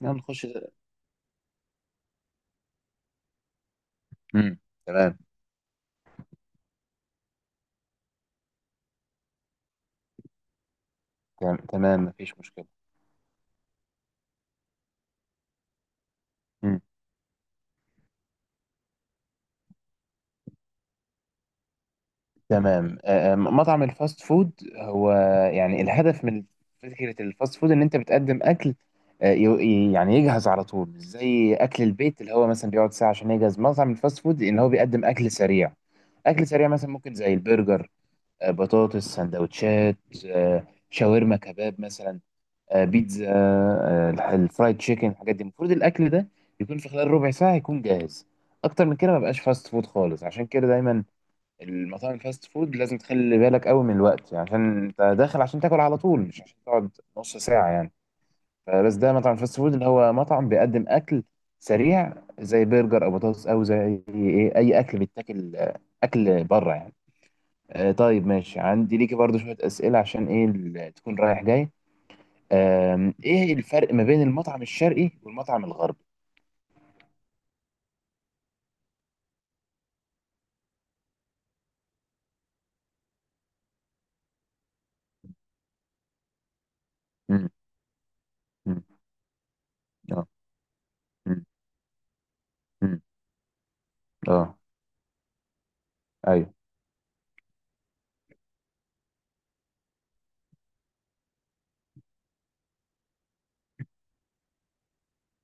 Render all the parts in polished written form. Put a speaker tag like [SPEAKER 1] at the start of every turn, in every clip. [SPEAKER 1] نعم نخش ده. امم تمام. تمام، مفيش مشكلة. امم تمام. مطعم الفاست فود هو يعني الهدف من فكرة الفاست فود ان انت بتقدم اكل. يعني يجهز على طول، مش زي اكل البيت اللي هو مثلا بيقعد ساعة عشان يجهز. مطعم الفاست فود ان هو بيقدم اكل سريع، اكل سريع مثلا ممكن زي البرجر، بطاطس، سندوتشات، شاورما، كباب مثلا، بيتزا، الفرايد تشيكن. الحاجات دي المفروض الاكل ده يكون في خلال ربع ساعه يكون جاهز. اكتر من كده ما بقاش فاست فود خالص. عشان كده دايما المطاعم الفاست فود لازم تخلي بالك قوي من الوقت، يعني عشان انت داخل عشان تاكل على طول مش عشان تقعد نص ساعه يعني. فبس ده مطعم فاست فود، اللي هو مطعم بيقدم اكل سريع زي برجر او بطاطس او زي ايه، اي اكل بيتاكل، اكل بره يعني. طيب ماشي، عندي ليكي برضو شويه اسئله عشان ايه تكون رايح جاي. ايه الفرق ما بين المطعم الشرقي والمطعم الغربي؟ مم. مم. اه. مم. مم. اه. ايوه.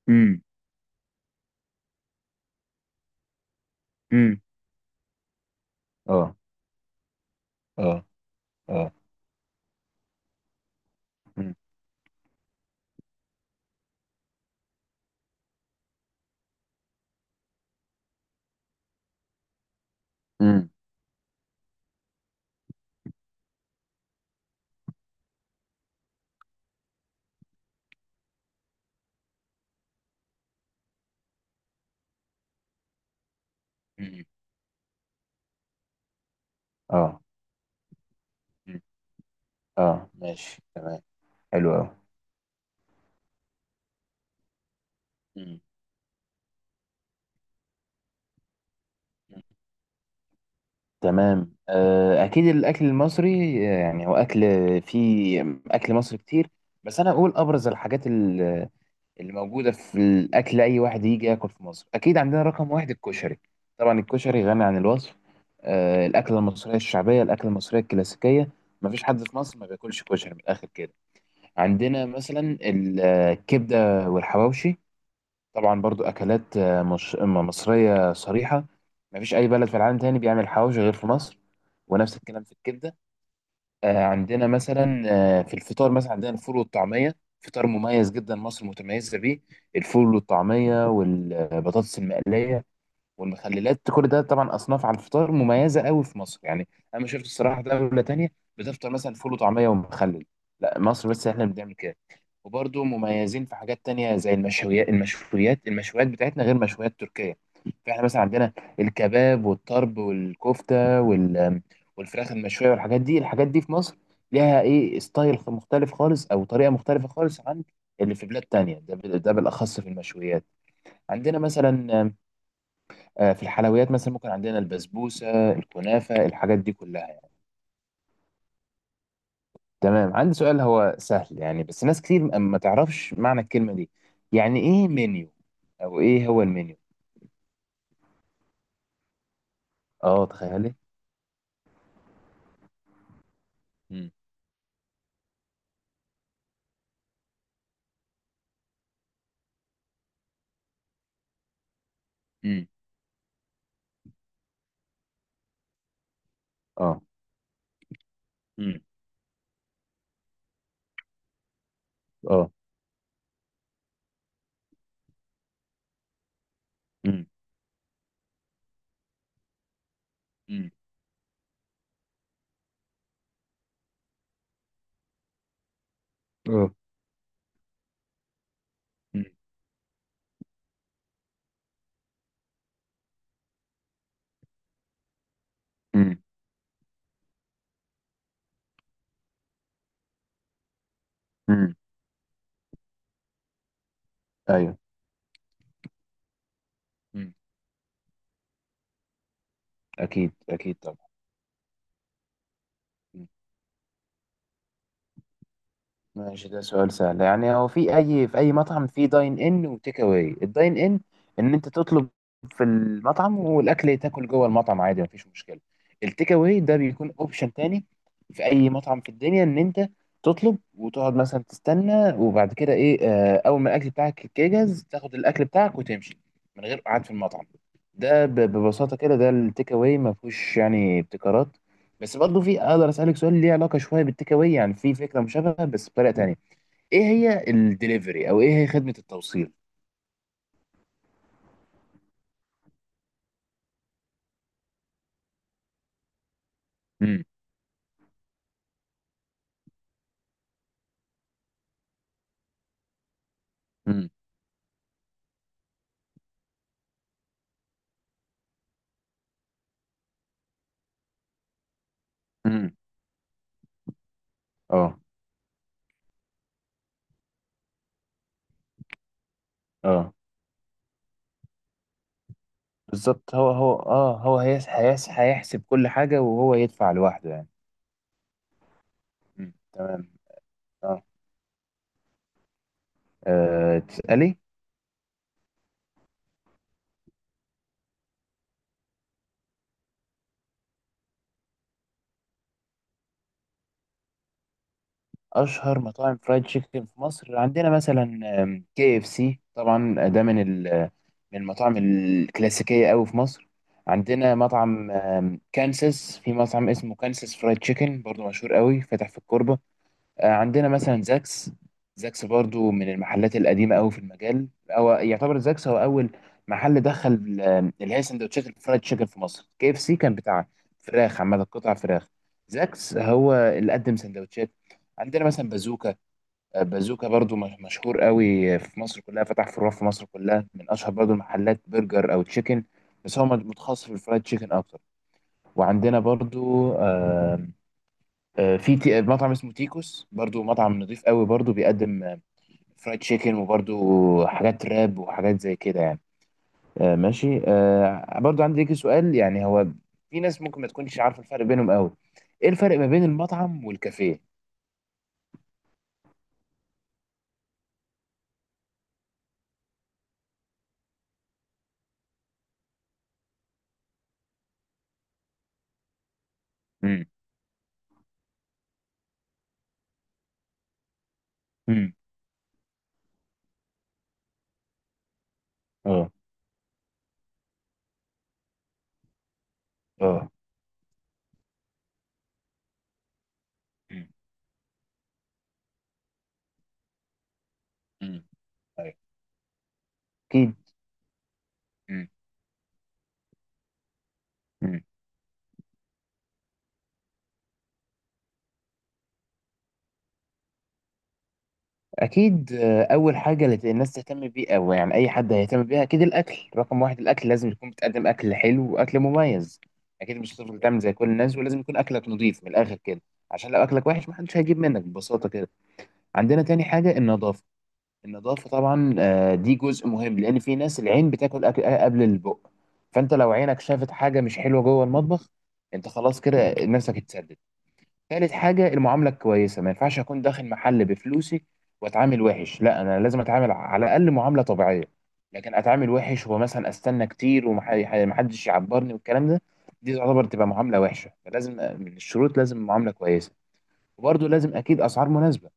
[SPEAKER 1] امم امم اه. اه. اه. مم. مم. امم. اه. مم. اه ماشي، تمام. حلو قوي. مم. مم. تمام. اكيد الاكل المصري، يعني هو اكل فيه اكل مصري كتير. بس انا اقول ابرز الحاجات اللي موجودة في الأكل. أي واحد يجي ياكل في مصر أكيد عندنا رقم واحد الكشري. طبعا الكشري غني عن الوصف، آه الأكلة المصرية الشعبية، الأكلة المصرية الكلاسيكية. مفيش حد في مصر ما بياكلش كشري، من الآخر كده. عندنا مثلا الكبدة والحواوشي، طبعا برضو أكلات آه، مش م- مصرية صريحة. مفيش أي بلد في العالم تاني بيعمل حواوشي غير في مصر، ونفس الكلام في الكبدة. عندنا مثلا في الفطار مثلا عندنا الفول والطعمية. فطار مميز جدا مصر متميزة بيه، الفول والطعمية والبطاطس المقلية والمخللات. كل ده طبعا اصناف على الفطار مميزه قوي في مصر يعني. انا ما شفت الصراحه دوله تانية بتفطر مثلا فول وطعميه ومخلل، لا مصر بس احنا اللي بنعمل كده. وبرضه مميزين في حاجات تانية زي المشويات. المشويات بتاعتنا غير مشويات تركيا. فاحنا مثلا عندنا الكباب والطرب والكفته والفراخ المشويه والحاجات دي. الحاجات دي في مصر ليها ايه، ستايل مختلف خالص او طريقه مختلفه خالص عن اللي في بلاد تانية، ده بالاخص في المشويات. عندنا مثلا في الحلويات مثلا ممكن عندنا البسبوسة، الكنافة، الحاجات دي كلها يعني. تمام، عندي سؤال هو سهل يعني، بس ناس كتير ما تعرفش معنى الكلمة دي. يعني ايه منيو، او ايه هو المنيو؟ اه تخيلي. مم. مم. اه. مم. اه. مم. مم. اه. مم. مم. مم. ايوه. مم. اكيد اكيد طبعا. ماشي، ده سؤال سهل. يعني هو في اي، في اي مطعم في داين ان وتيك اواي. الداين ان ان انت تطلب في المطعم والاكل تاكل جوه المطعم عادي مفيش مشكله. التيك اواي ده بيكون اوبشن تاني في اي مطعم في الدنيا، ان انت تطلب وتقعد مثلا تستنى، وبعد كده ايه، اول ما الاكل بتاعك يجهز تاخد الاكل بتاعك وتمشي من غير قعد في المطعم. ببساطه كده ده التيك اواي، ما فيهوش يعني ابتكارات. بس برضه في، اقدر اسالك سؤال ليه علاقه شويه بالتيك اواي، يعني في فكره مشابهه بس بطريقه تانيه، ايه هي الدليفري او ايه هي خدمه التوصيل؟ امم امم امم اه. اه بالظبط. هو اه، هو هيس هيس هيحسب كل حاجه وهو يدفع لوحده يعني. تمام. اه. تسالي. اشهر مطاعم فرايد تشيكن في مصر عندنا مثلا كي اف سي، طبعا ده من من المطاعم الكلاسيكيه قوي في مصر. عندنا مطعم كانساس، في مطعم اسمه كانساس فرايد تشيكن، برضو مشهور قوي، فاتح في الكوربه. عندنا مثلا زاكس، زاكس برضو من المحلات القديمة قوي في المجال. هو يعتبر زاكس هو أول محل دخل اللي هي سندوتشات الفرايد تشيكن في مصر. كي اف سي كان بتاع فراخ عامة، قطع فراخ. زاكس هو اللي قدم سندوتشات. عندنا مثلا بازوكا، بازوكا برضو مشهور قوي في مصر كلها، فتح فروع في مصر كلها، من أشهر برضو المحلات برجر أو تشيكن، بس هو متخصص في الفرايد تشيكن أكتر. وعندنا برضو مطعم اسمه تيكوس، برضو مطعم نظيف قوي، برضو بيقدم فرايد تشيكن، وبرضو حاجات راب وحاجات زي كده يعني. ماشي. برضو عندي ليك سؤال، يعني هو في ناس ممكن ما تكونش عارفة الفرق بينهم قوي، ايه الفرق ما بين المطعم والكافيه؟ امم امم اه. اه. امم امم ايوه. اكيد. امم اكيد. اول حاجه اللي الناس تهتم بيه، او يعني اي حد هيهتم بيها، اكيد الاكل رقم واحد. الاكل لازم يكون، بتقدم اكل حلو واكل مميز اكيد، مش هتفضل تعمل زي كل الناس. ولازم يكون اكلك نظيف من الاخر كده، عشان لو اكلك وحش محدش هيجيب منك ببساطه كده. عندنا تاني حاجه النظافه، النظافه طبعا دي جزء مهم، لان في ناس العين بتاكل اكل قبل البق. فانت لو عينك شافت حاجه مش حلوه جوه المطبخ انت خلاص كده نفسك اتسد. ثالث حاجة المعاملة الكويسة. ما ينفعش أكون داخل محل بفلوسي وأتعامل وحش، لا أنا لازم أتعامل على الأقل معاملة طبيعية. لكن أتعامل وحش ومثلا أستنى كتير ومحدش يعبرني والكلام ده، دي تعتبر تبقى معاملة وحشة. فلازم من الشروط لازم معاملة كويسة. وبرضه لازم أكيد أسعار مناسبة،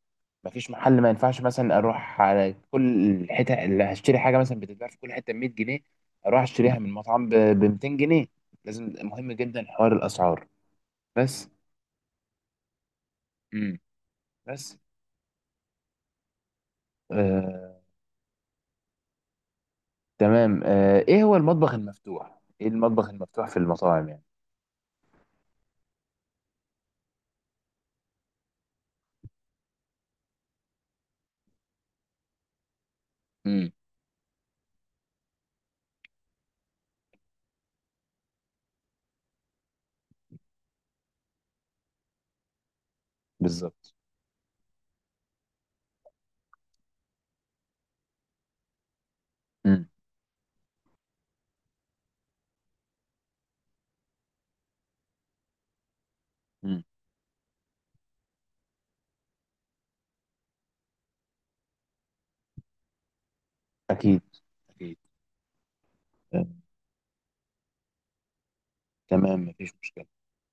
[SPEAKER 1] مفيش محل ما ينفعش مثلا، أروح على كل حتة اللي هشتري حاجة مثلا بتتباع في كل حتة ب 100 جنيه أروح أشتريها من مطعم ب 200 جنيه. لازم مهم جدا حوار الأسعار بس. مم. بس آه، تمام. ايه هو المطبخ المفتوح، ايه المطبخ المفتوح في المطاعم يعني؟ امم بالظبط. مم. مم. اكيد اكيد. آه، تمام مفيش مشكلة.